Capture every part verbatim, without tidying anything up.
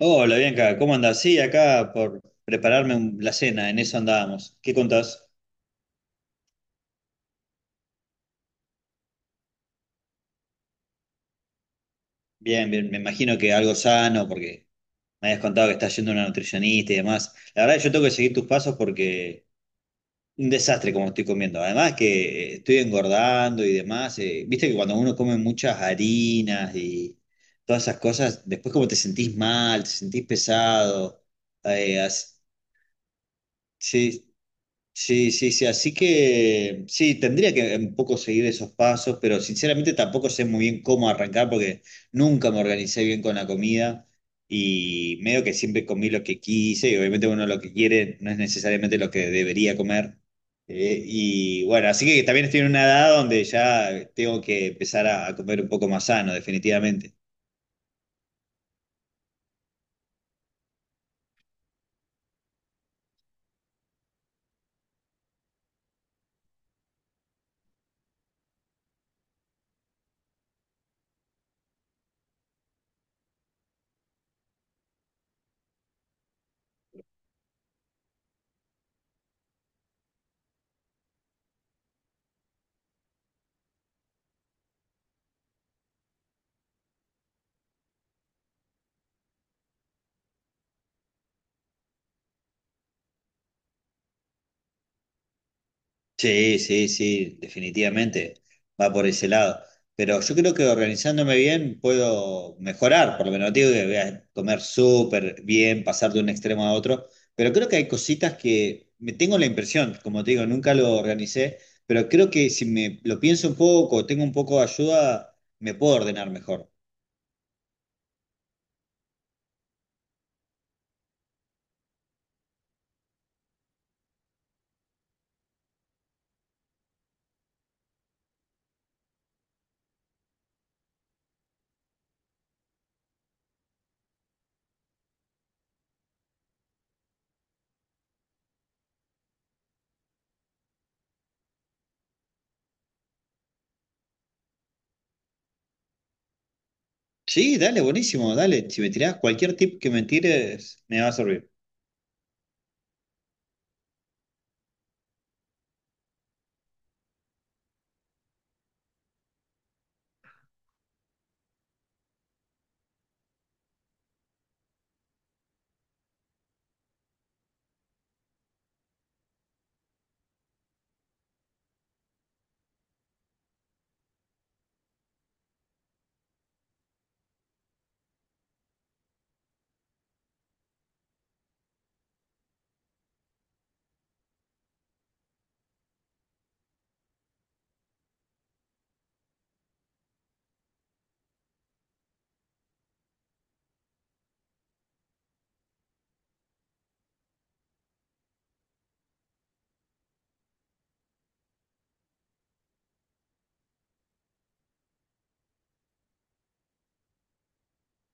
Hola Bianca, ¿cómo andás? Sí, acá por prepararme un- la cena, en eso andábamos. ¿Qué contás? Bien, bien, me imagino que algo sano, porque me habías contado que estás yendo a una nutricionista y demás. La verdad, yo tengo que seguir tus pasos porque un desastre como estoy comiendo. Además que eh, estoy engordando y demás. Eh, viste que cuando uno come muchas harinas y todas esas cosas, después como te sentís mal, te sentís pesado. eh, así- sí, sí, sí, sí, así que sí, tendría que un poco seguir esos pasos, pero sinceramente tampoco sé muy bien cómo arrancar porque nunca me organicé bien con la comida y medio que siempre comí lo que quise, y obviamente uno lo que quiere no es necesariamente lo que debería comer. Eh, y bueno, así que también estoy en una edad donde ya tengo que empezar a, a comer un poco más sano, definitivamente. Sí, sí, sí, definitivamente va por ese lado. Pero yo creo que organizándome bien puedo mejorar, por lo menos no digo que voy a comer súper bien, pasar de un extremo a otro, pero creo que hay cositas que me tengo la impresión, como te digo, nunca lo organicé, pero creo que si me lo pienso un poco, tengo un poco de ayuda, me puedo ordenar mejor. Sí, dale, buenísimo, dale. Si me tirás cualquier tip que me tires, me va a servir.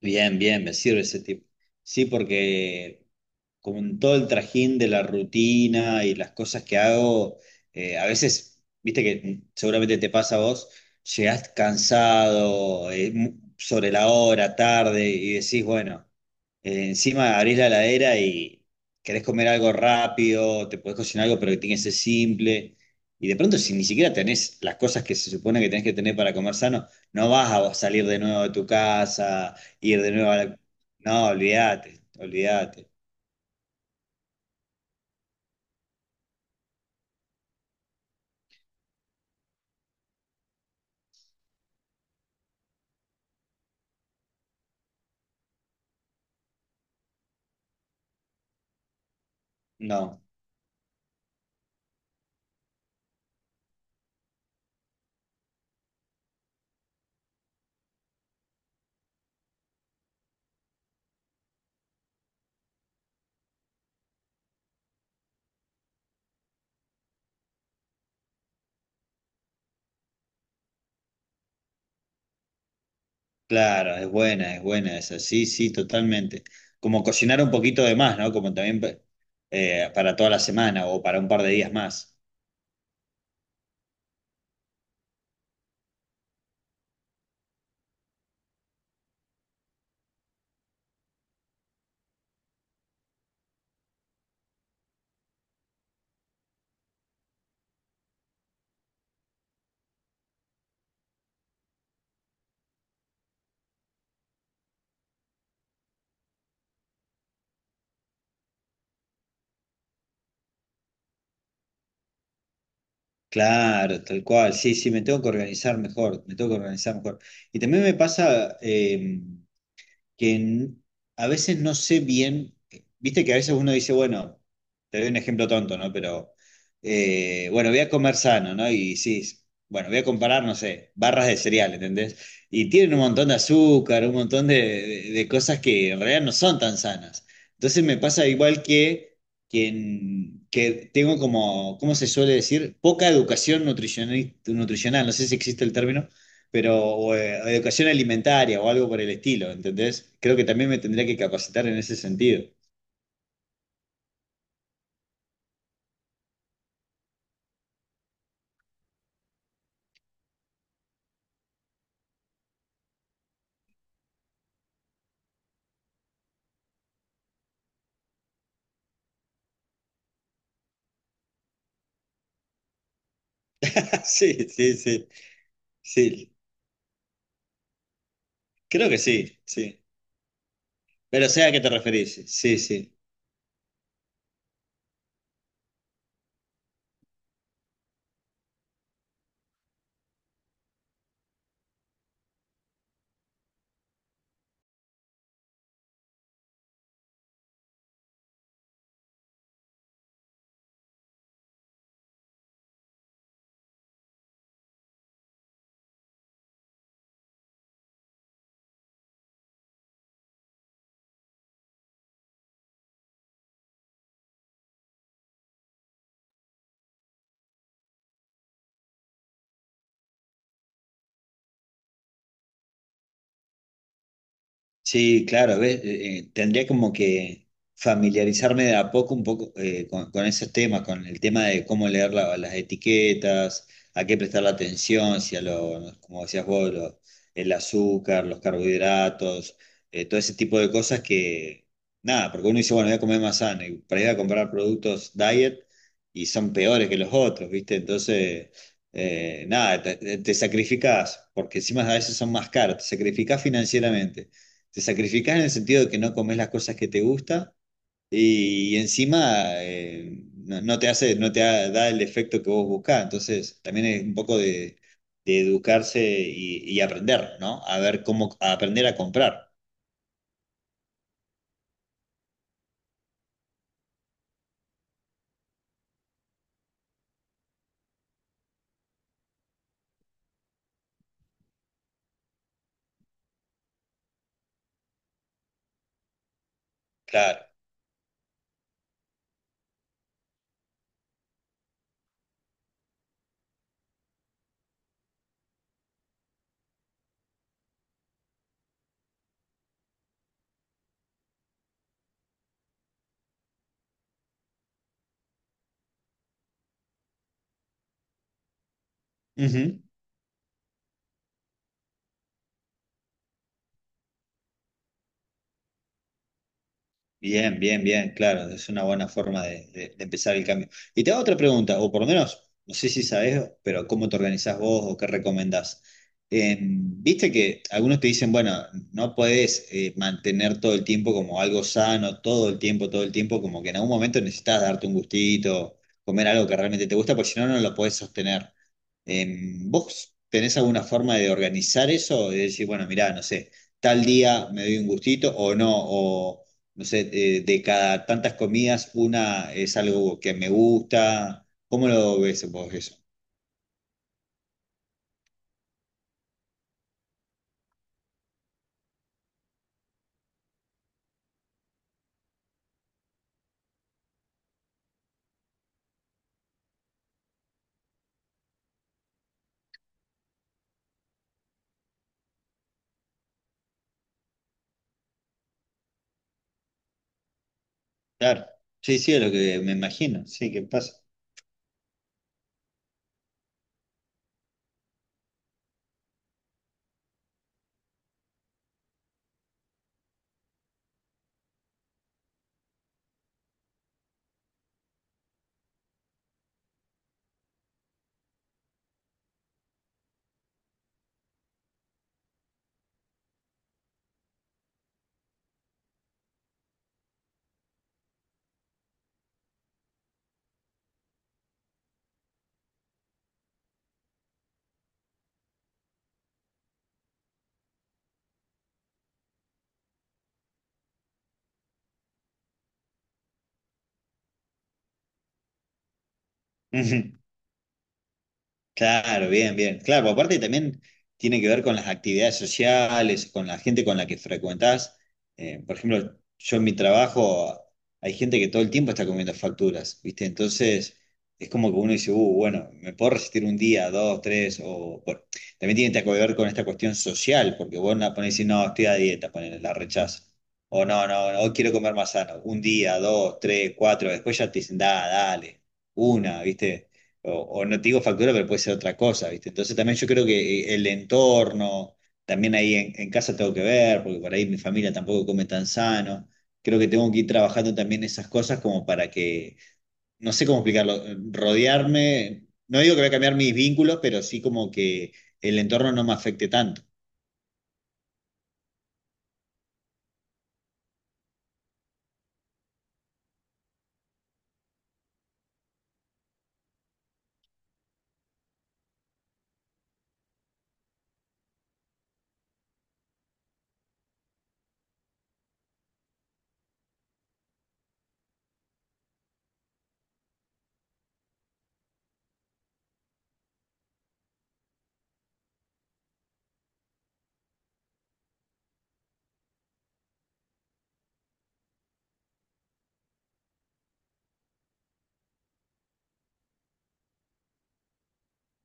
Bien, bien, me sirve ese tip. Sí, porque con todo el trajín de la rutina y las cosas que hago, eh, a veces, viste que seguramente te pasa a vos, llegás cansado, eh, mu- sobre la hora, tarde, y decís, bueno, eh, encima abrís la heladera y querés comer algo rápido, te podés cocinar algo, pero que tiene que ser simple. Y de pronto, si ni siquiera tenés las cosas que se supone que tenés que tener para comer sano, no vas a salir de nuevo de tu casa, ir de nuevo a la... No, olvídate, olvídate. No, claro, es buena, es buena esa, sí, sí, totalmente. Como cocinar un poquito de más, ¿no? Como también pa- eh, para toda la semana o para un par de días más. Claro, tal cual, sí, sí, me tengo que organizar mejor, me tengo que organizar mejor. Y también me pasa, em, que n- a veces no sé bien, viste que a veces uno dice, bueno, te doy un ejemplo tonto, ¿no? Pero, eh, bueno, voy a comer sano, ¿no? Y sí, s- bueno, voy a comparar, no sé, barras de cereal, ¿entendés? Y tienen un montón de azúcar, un montón de, de- de cosas que en realidad no son tan sanas. Entonces me pasa igual que, que, en- que tengo como, ¿cómo se suele decir? Poca educación nutricional, nutricional, no sé si existe el término, pero o, eh, educación alimentaria o algo por el estilo, ¿entendés? Creo que también me tendría que capacitar en ese sentido. Sí, sí, sí, sí, creo que sí, sí. Pero sé a qué te referís, sí, sí. Sí, claro, ¿ves? Eh, eh, tendría como que familiarizarme de a poco un poco eh, con, con esos temas, con el tema de cómo leer la- las etiquetas, a qué prestar la atención, si a lo, como decías vos, lo- el azúcar, los carbohidratos, eh, todo ese tipo de cosas que, nada, porque uno dice, bueno, voy a comer más sano, y para ir a comprar productos diet y son peores que los otros, ¿viste? Entonces, eh, nada, te, te sacrificás, porque encima a veces son más caros, te sacrificás financieramente, te sacrificás en el sentido de que no comes las cosas que te gustan y, y encima eh, no, no te hace, no te ha- da el efecto que vos buscás. Entonces, también es un poco de, de educarse y, y aprender, ¿no? A ver cómo, a aprender a comprar. Claro. Bien, bien, bien, claro, es una buena forma de, de- de empezar el cambio. Y te hago otra pregunta, o por lo menos, no sé si sabes, pero ¿cómo te organizás vos o qué recomendás? Eh, viste que algunos te dicen, bueno, no podés eh, mantener todo el tiempo como algo sano, todo el tiempo, todo el tiempo, como que en algún momento necesitas darte un gustito, comer algo que realmente te gusta, porque si no, no lo podés sostener. Eh, ¿Vos tenés alguna forma de organizar eso? De decir, bueno, mirá, no sé, tal día me doy un gustito o no, no sé, eh, de cada tantas comidas, una es algo que me gusta. ¿Cómo lo ves vos eso? Claro. Sí, sí, es lo que me imagino. Sí, ¿qué pasa? Claro, bien, bien. Claro, porque aparte también tiene que ver con las actividades sociales, con la gente con la que frecuentás. Eh, por ejemplo, yo en mi trabajo hay gente que todo el tiempo está comiendo facturas, ¿viste? Entonces es como que uno dice, uh, bueno, me puedo resistir un día, dos, tres, o bueno, también tiene que ver con esta cuestión social, porque vos no ponés y decís, no, estoy a dieta, ponele, la rechazo. O no, no, no, hoy quiero comer más sano. Un día, dos, tres, cuatro, después ya te dicen, da, dale, una, ¿viste? O, o no te digo factura, pero puede ser otra cosa, ¿viste? Entonces también yo creo que eh, el entorno, también ahí en, en casa tengo que ver, porque por ahí mi familia tampoco come tan sano. Creo que tengo que ir trabajando también esas cosas como para que, no sé cómo explicarlo, eh, rodearme, no digo que voy a cambiar mis vínculos, pero sí como que el entorno no me afecte tanto.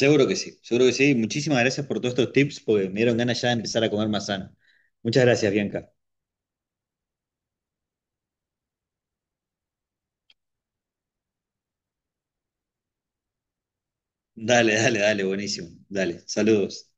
Seguro que sí, seguro que sí. Muchísimas gracias por todos estos tips, porque me dieron ganas ya de empezar a comer más sano. Muchas gracias, Bianca. Dale, dale, dale, buenísimo. Dale, saludos.